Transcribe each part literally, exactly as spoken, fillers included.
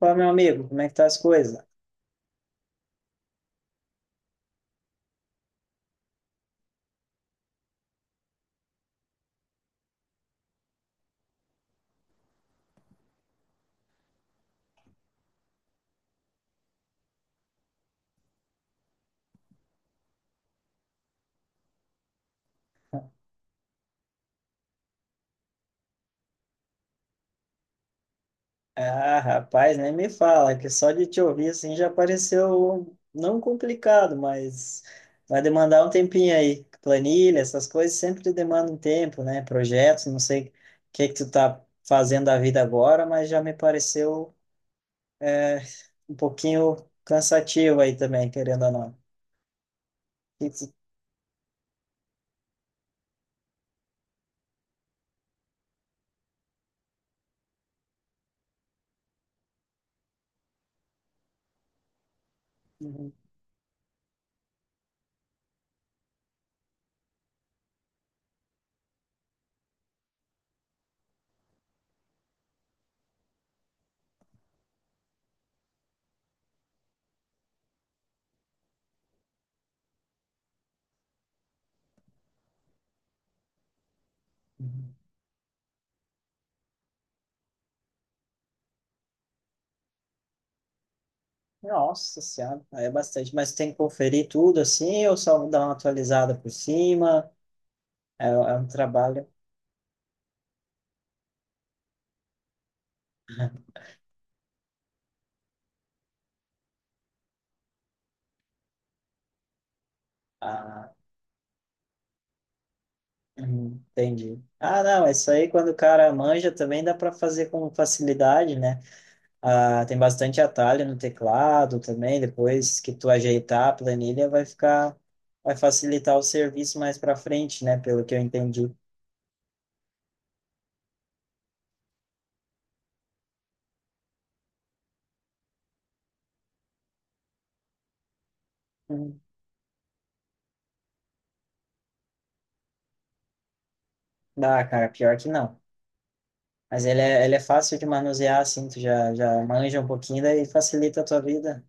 Pô, meu amigo, como é que tá as coisas? Ah, rapaz, nem me fala, que só de te ouvir assim já pareceu não complicado, mas vai demandar um tempinho aí. Planilha, essas coisas sempre demandam um tempo, né? Projetos, não sei o que é que tu tá fazendo da vida agora, mas já me pareceu é, um pouquinho cansativo aí também, querendo ou não. Que que tu- Uhum, uhum. Nossa Senhora, aí é bastante, mas tem que conferir tudo assim ou só dar uma atualizada por cima? É, é um trabalho. Ah, hum, entendi. Ah, não, isso aí quando o cara manja também dá para fazer com facilidade, né? Ah, tem bastante atalho no teclado também, depois que tu ajeitar a planilha vai ficar, vai facilitar o serviço mais para frente, né? Pelo que eu entendi. Hum. Ah, cara, pior que não. Mas ele é, ele é fácil de manusear, assim, tu já, já manja um pouquinho daí facilita a tua vida.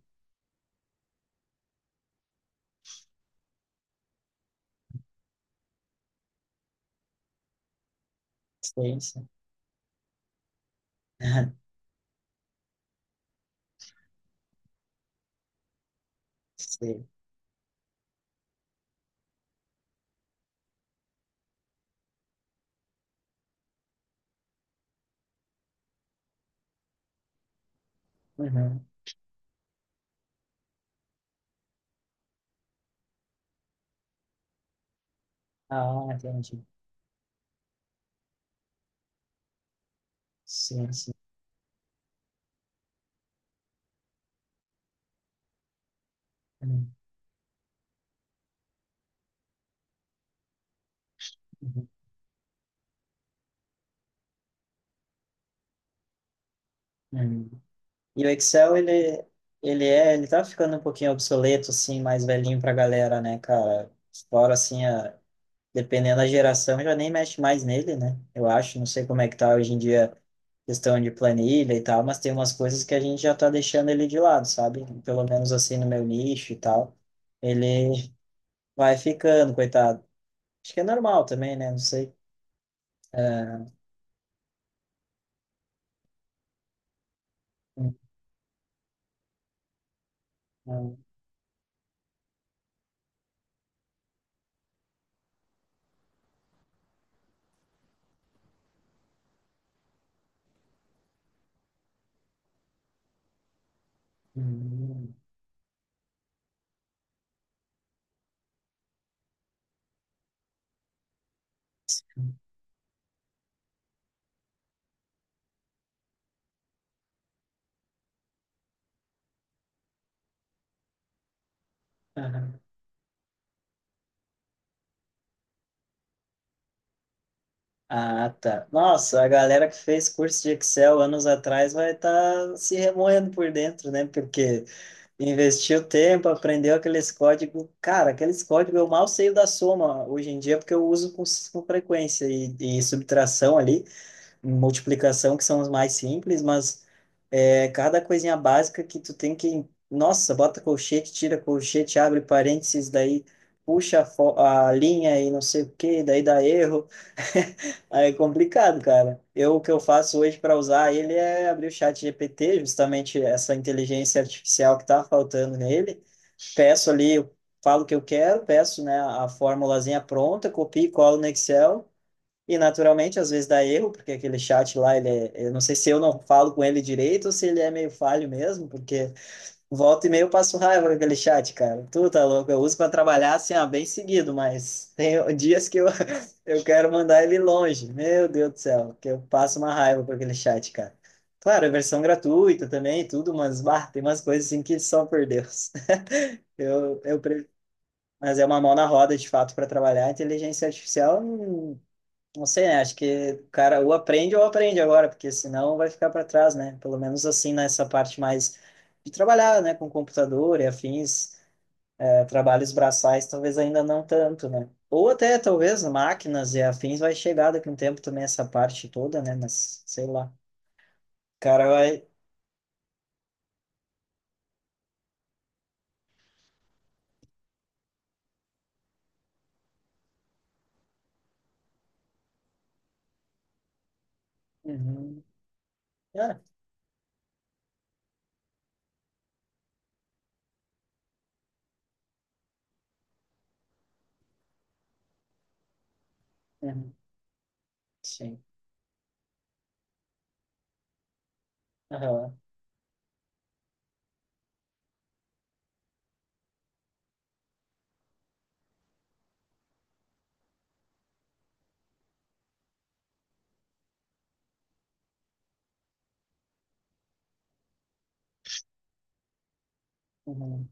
Sim, sim. Sim. Uhum. Ah, entendi. Sim, sim. Uhum. Hum. E o Excel, ele, ele é, ele tá ficando um pouquinho obsoleto, assim, mais velhinho pra galera, né, cara? Fora, assim, a- dependendo da geração, já nem mexe mais nele, né? Eu acho, não sei como é que tá hoje em dia questão de planilha e tal, mas tem umas coisas que a gente já tá deixando ele de lado, sabe? Pelo menos, assim, no meu nicho e tal. Ele vai ficando, coitado. Acho que é normal também, né? Não sei. Hum, hum, hum. Ah, tá. Nossa, a galera que fez curso de Excel anos atrás vai estar se remoendo por dentro, né? Porque investiu tempo, aprendeu aqueles códigos. Cara, aqueles códigos eu mal sei o da soma hoje em dia, porque eu uso com, com frequência. E, e subtração ali, multiplicação, que são os mais simples, mas é, cada coisinha básica que tu tem que. Nossa, bota colchete, tira colchete, abre parênteses, daí puxa a, fo- a linha e não sei o que daí dá erro. Aí é complicado, cara. Eu, o que eu faço hoje para usar ele é abrir o chat G P T, justamente essa inteligência artificial que está faltando nele. Peço ali, eu falo o que eu quero, peço, né, a formulazinha pronta, copio e colo no Excel e naturalmente, às vezes dá erro, porque aquele chat lá, ele é, eu não sei se eu não falo com ele direito ou se ele é meio falho mesmo, porque volta e meia eu passo raiva com aquele chat, cara. Tu tá louco, eu uso para trabalhar assim, ah, bem seguido, mas tem dias que eu, eu quero mandar ele longe. Meu Deus do céu, que eu passo uma raiva com aquele chat, cara. Claro, é versão gratuita também, tudo, mas bah, tem umas coisas assim que só por Deus. Eu, eu, pre- mas é uma mão na roda, de fato, para trabalhar. A inteligência artificial hum, não sei, né? Acho que, o cara, ou aprende ou aprende agora, porque senão vai ficar para trás, né? Pelo menos assim, nessa parte mais de trabalhar, né, com computador e afins, eh, trabalhos braçais, talvez ainda não tanto, né? Ou até, talvez, máquinas e afins vai chegar daqui a um tempo também essa parte toda, né? Mas, sei lá. O cara vai. Uhum. Ah, uhum. Sim. Aham. Uhum.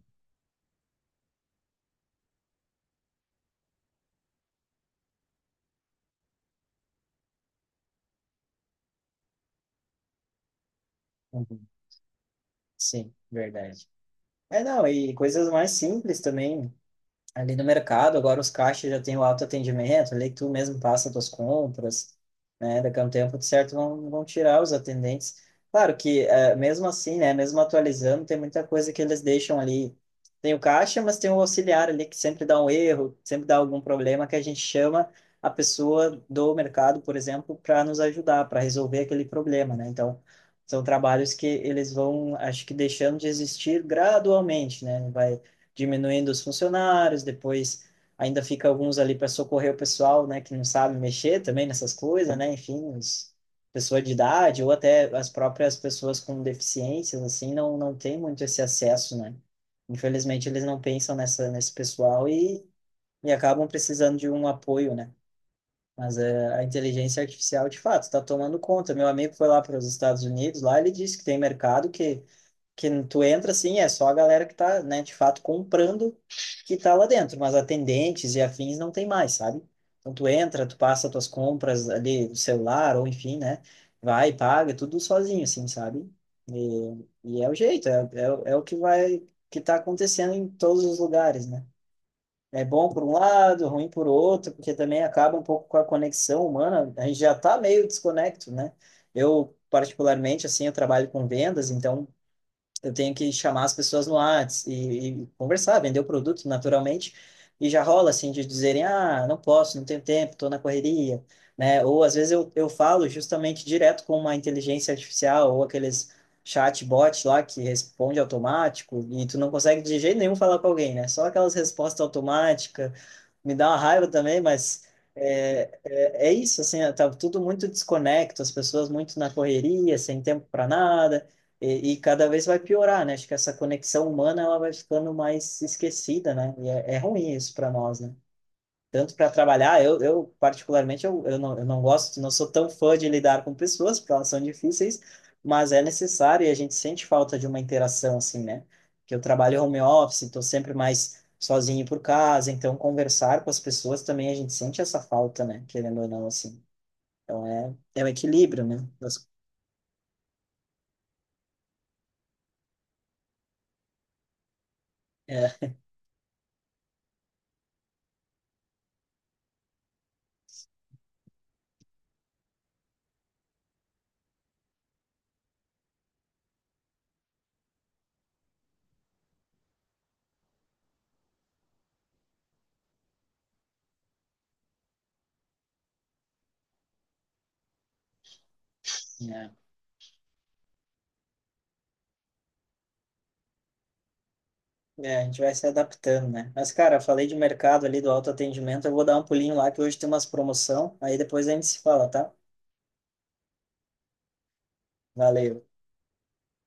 Uhum. Sim, verdade. É, não, e coisas mais simples também. Ali no mercado, agora os caixas já têm o autoatendimento, ali que tu mesmo passa tuas compras, né? Daqui a um tempo, de certo, vão, vão tirar os atendentes. Claro que, eh, mesmo assim, né? Mesmo atualizando, tem muita coisa que eles deixam ali. Tem o caixa, mas tem o auxiliar ali que sempre dá um erro, sempre dá algum problema que a gente chama a pessoa do mercado, por exemplo, para nos ajudar, para resolver aquele problema, né? Então, são trabalhos que eles vão, acho que deixando de existir gradualmente, né? Vai diminuindo os funcionários, depois ainda fica alguns ali para socorrer o pessoal, né, que não sabe mexer também nessas coisas, né, enfim, os, pessoa de idade ou até as próprias pessoas com deficiências, assim, não, não tem muito esse acesso, né. Infelizmente, eles não pensam nessa, nesse pessoal e, e acabam precisando de um apoio, né. Mas é, a inteligência artificial, de fato, está tomando conta. Meu amigo foi lá para os Estados Unidos, lá ele disse que tem mercado que que tu entra assim, é só a galera que tá, né, de fato comprando que tá lá dentro, mas atendentes e afins não tem mais, sabe? Então tu entra, tu passa tuas compras ali do celular ou enfim, né? Vai, paga, é tudo sozinho assim, sabe? E, e é o jeito, é, é, o- é o que vai que tá acontecendo em todos os lugares, né? É bom por um lado, ruim por outro, porque também acaba um pouco com a conexão humana. A gente já tá meio desconecto, né? Eu, particularmente, assim, eu trabalho com vendas, então eu tenho que chamar as pessoas no Whats e, e conversar, vender o produto naturalmente. E já rola assim de dizerem, ah, não posso, não tenho tempo, estou na correria, né? Ou às vezes eu, eu falo justamente direto com uma inteligência artificial ou aqueles chatbot lá que responde automático e tu não consegue de jeito nenhum falar com alguém, né? Só aquelas respostas automáticas me dá uma raiva também, mas é, é, é isso, assim, tá tudo muito desconecto, as pessoas muito na correria, sem tempo para nada, e, e cada vez vai piorar, né? Acho que essa conexão humana ela vai ficando mais esquecida, né? E é, é ruim isso para nós, né? Tanto para trabalhar, eu, eu particularmente, eu, eu, não, eu não gosto, não sou tão fã de lidar com pessoas, porque elas são difíceis, mas é necessário e a gente sente falta de uma interação, assim, né? Que eu trabalho home office, estou sempre mais sozinho por casa, então conversar com as pessoas também a gente sente essa falta, né? Querendo ou não, assim. Então é, é um equilíbrio, né? Das- É, é. É, a gente vai se adaptando, né? Mas, cara, eu falei de mercado ali, do autoatendimento, eu vou dar um pulinho lá, que hoje tem umas promoção, aí depois a gente se fala, tá? Valeu.